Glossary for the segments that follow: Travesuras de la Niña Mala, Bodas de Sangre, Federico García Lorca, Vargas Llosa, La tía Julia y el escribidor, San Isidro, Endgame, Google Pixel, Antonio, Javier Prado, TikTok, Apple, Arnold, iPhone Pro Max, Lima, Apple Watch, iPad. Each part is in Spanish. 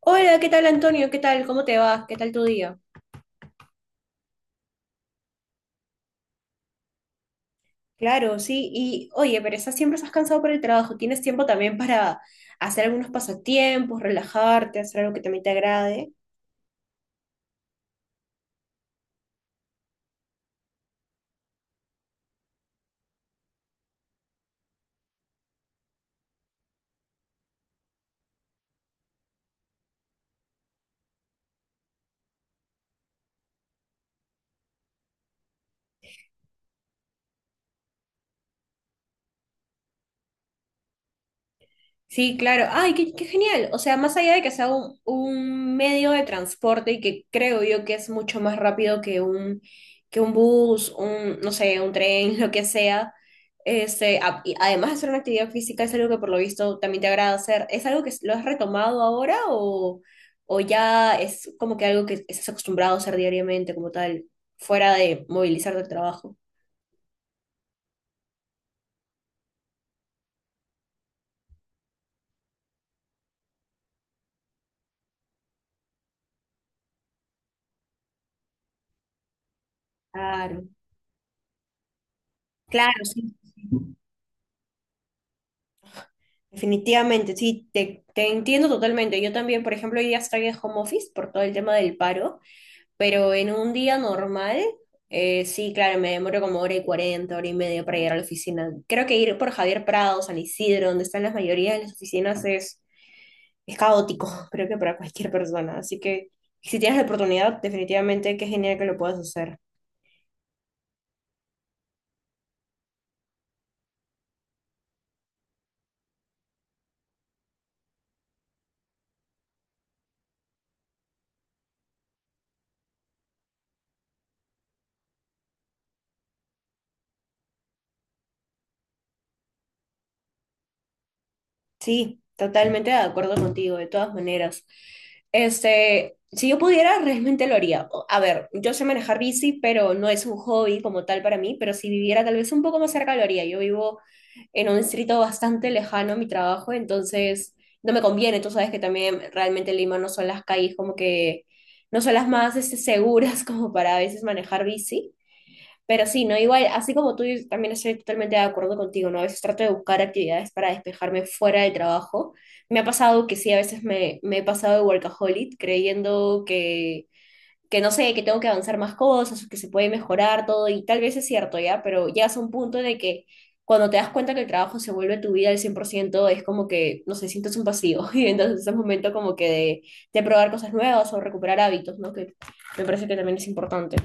Hola, ¿qué tal Antonio? ¿Qué tal? ¿Cómo te va? ¿Qué tal tu día? Claro, sí. Y oye, pero estás siempre estás cansado por el trabajo. ¿Tienes tiempo también para hacer algunos pasatiempos, relajarte, hacer algo que también te agrade? Sí, claro. Ay, qué genial. O sea, más allá de que sea un medio de transporte y que creo yo que es mucho más rápido que un bus, un, no sé, un tren, lo que sea. Y además de hacer una actividad física, es algo que por lo visto también te agrada hacer. ¿Es algo que lo has retomado ahora, o ya es como que algo que estás acostumbrado a hacer diariamente como tal, fuera de movilizarte al trabajo? Claro, claro, sí. Definitivamente, sí, te entiendo totalmente. Yo también, por ejemplo, hoy día estoy en home office por todo el tema del paro, pero en un día normal, sí, claro, me demoro como hora y cuarenta, hora y media para llegar a la oficina. Creo que ir por Javier Prado, San Isidro, donde están las mayoría de las oficinas, es caótico, creo que para cualquier persona. Así que si tienes la oportunidad, definitivamente qué genial que lo puedas hacer. Sí, totalmente de acuerdo contigo, de todas maneras. Este, si yo pudiera, realmente lo haría. A ver, yo sé manejar bici, pero no es un hobby como tal para mí, pero si viviera tal vez un poco más cerca, lo haría. Yo vivo en un distrito bastante lejano a mi trabajo, entonces no me conviene. Tú sabes que también realmente Lima no son las calles como que, no son las más este, seguras como para a veces manejar bici. Pero sí, ¿no? Igual, así como tú, yo también estoy totalmente de acuerdo contigo, ¿no? A veces trato de buscar actividades para despejarme fuera del trabajo. Me ha pasado que sí, a veces me he pasado de workaholic creyendo que, no sé, que tengo que avanzar más cosas, o que se puede mejorar todo, y tal vez es cierto, ¿ya? Pero llegas a un punto en el que cuando te das cuenta que el trabajo se vuelve tu vida al 100% es como que, no sé, sientes un vacío. Y entonces es un momento como que de probar cosas nuevas o recuperar hábitos, ¿no? Que me parece que también es importante.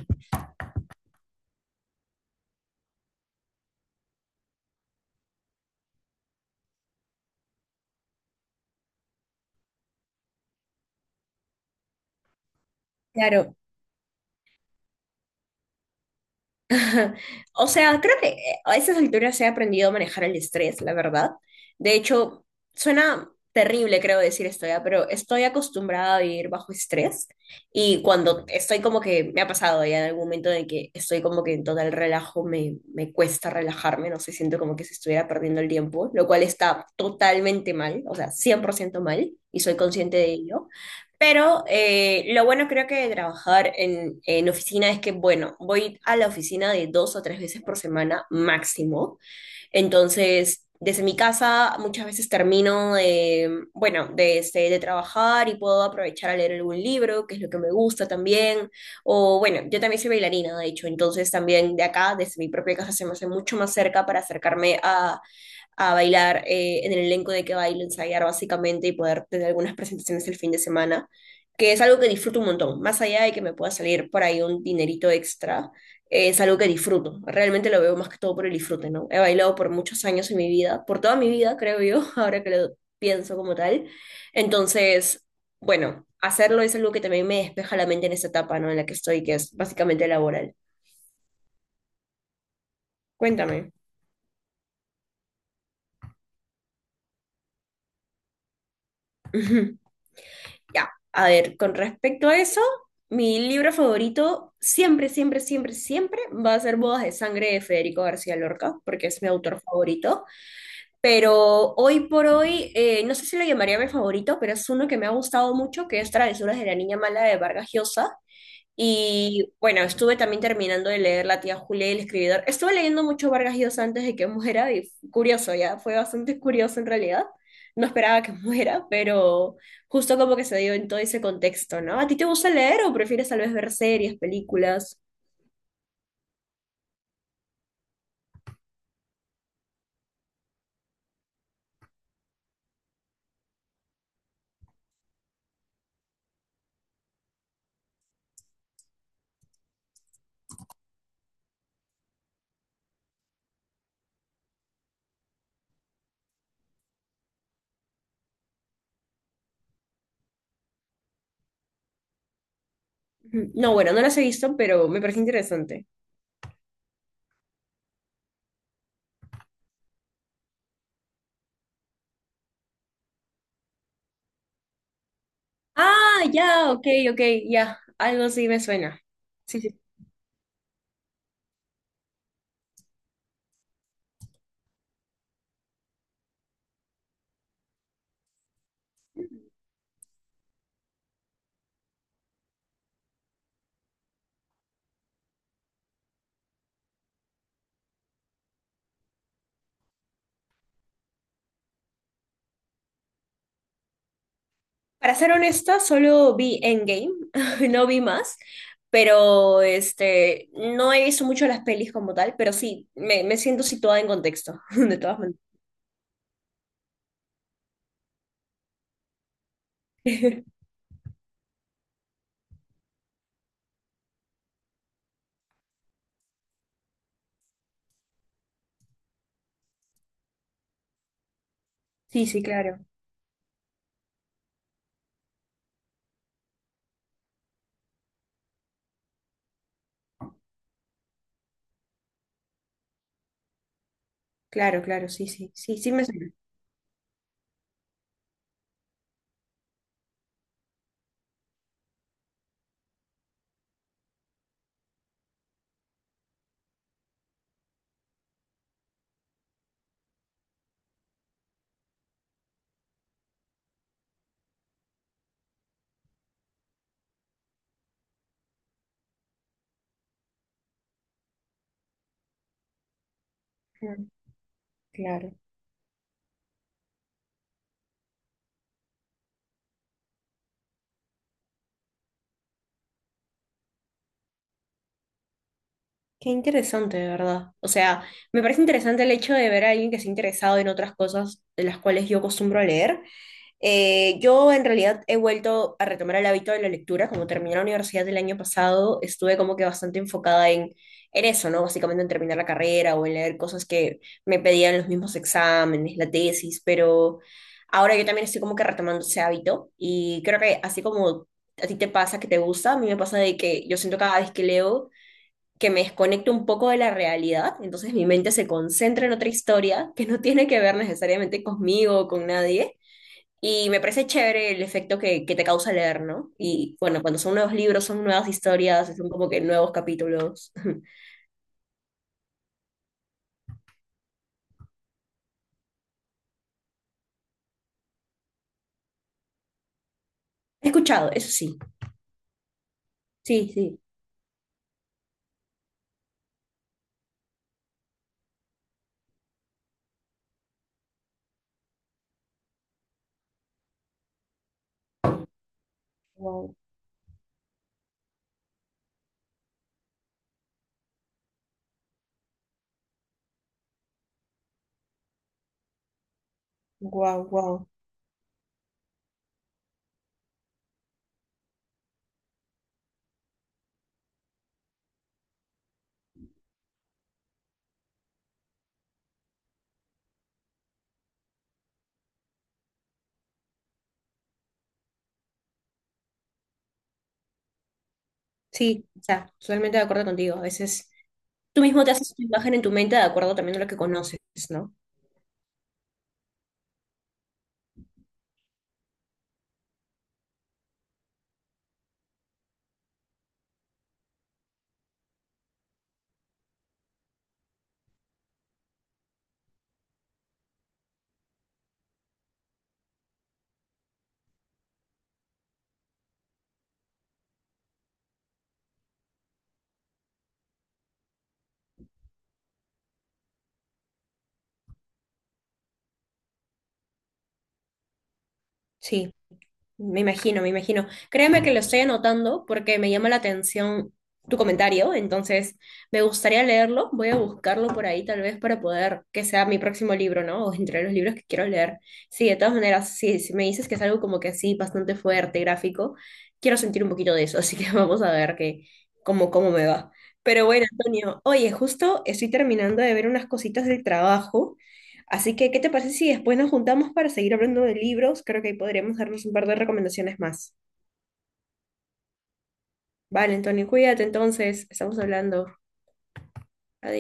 Claro. O sea, creo que a esas alturas he aprendido a manejar el estrés, la verdad. De hecho, suena terrible, creo decir esto ya, pero estoy acostumbrada a vivir bajo estrés y cuando estoy como que, me ha pasado ya en algún momento de que estoy como que en total relajo, me cuesta relajarme, no sé, siento como que si estuviera perdiendo el tiempo, lo cual está totalmente mal, o sea, 100% mal y soy consciente de ello. Pero lo bueno creo que de trabajar en oficina es que, bueno, voy a la oficina de dos o tres veces por semana máximo. Entonces, desde mi casa muchas veces termino de, bueno, de, este, de trabajar y puedo aprovechar a leer algún libro, que es lo que me gusta también. O bueno, yo también soy bailarina, de hecho. Entonces, también de acá, desde mi propia casa, se me hace mucho más cerca para acercarme a bailar en el elenco de que baile ensayar básicamente y poder tener algunas presentaciones el fin de semana, que es algo que disfruto un montón, más allá de que me pueda salir por ahí un dinerito extra, es algo que disfruto, realmente lo veo más que todo por el disfrute, ¿no? He bailado por muchos años en mi vida, por toda mi vida, creo yo, ahora que lo pienso como tal, entonces, bueno, hacerlo es algo que también me despeja la mente en esta etapa, ¿no? En la que estoy, que es básicamente laboral. Cuéntame. Ya, a ver, con respecto a eso, mi libro favorito siempre, siempre, siempre, siempre va a ser Bodas de Sangre de Federico García Lorca, porque es mi autor favorito. Pero hoy por hoy, no sé si lo llamaría mi favorito, pero es uno que me ha gustado mucho, que es Travesuras de la Niña Mala de Vargas Llosa. Y bueno, estuve también terminando de leer La tía Julia y el escribidor. Estuve leyendo mucho Vargas Llosa antes de que muera y curioso, ya fue bastante curioso en realidad. No esperaba que muera, pero justo como que se dio en todo ese contexto, ¿no? ¿A ti te gusta leer o prefieres tal vez ver series, películas? Ujú. No, bueno, no las he visto, pero me parece interesante. Ah, ya, ok, ok, ya, algo sí me suena. Sí, sí. Para ser honesta, solo vi Endgame, no vi más, pero este, no he visto mucho las pelis como tal, pero sí, me siento situada en contexto, de todas maneras. Sí, sí, claro, claro, claro, sí, sí, sí, sí me suena. Mm. Claro. Qué interesante, de verdad. O sea, me parece interesante el hecho de ver a alguien que se ha interesado en otras cosas de las cuales yo acostumbro a leer. Yo en realidad he vuelto a retomar el hábito de la lectura, como terminé la universidad el año pasado, estuve como que bastante enfocada en eso, ¿no? Básicamente en terminar la carrera o en leer cosas que me pedían los mismos exámenes, la tesis, pero ahora yo también estoy como que retomando ese hábito y creo que así como a ti te pasa que te gusta, a mí me pasa de que yo siento cada vez que leo que me desconecto un poco de la realidad, entonces mi mente se concentra en otra historia que no tiene que ver necesariamente conmigo o con nadie y me parece chévere el efecto que te causa leer, ¿no? Y bueno, cuando son nuevos libros, son nuevas historias, son como que nuevos capítulos. He escuchado, eso sí. Sí, sí. Wow, wow, wow. Sí, o sea, totalmente de acuerdo contigo. A veces, tú mismo te haces tu imagen en tu mente de acuerdo también a lo que conoces, ¿no? Sí. Me imagino, me imagino. Créeme que lo estoy anotando porque me llama la atención tu comentario, entonces me gustaría leerlo, voy a buscarlo por ahí tal vez para poder que sea mi próximo libro, ¿no? O entre los libros que quiero leer. Sí, de todas maneras, sí, si me dices que es algo como que así, bastante fuerte, gráfico, quiero sentir un poquito de eso, así que vamos a ver que, cómo me va. Pero bueno, Antonio, oye, justo estoy terminando de ver unas cositas del trabajo. Así que, ¿qué te parece si después nos juntamos para seguir hablando de libros? Creo que ahí podríamos darnos un par de recomendaciones más. Vale, Antonio, cuídate entonces, estamos hablando. Adiós.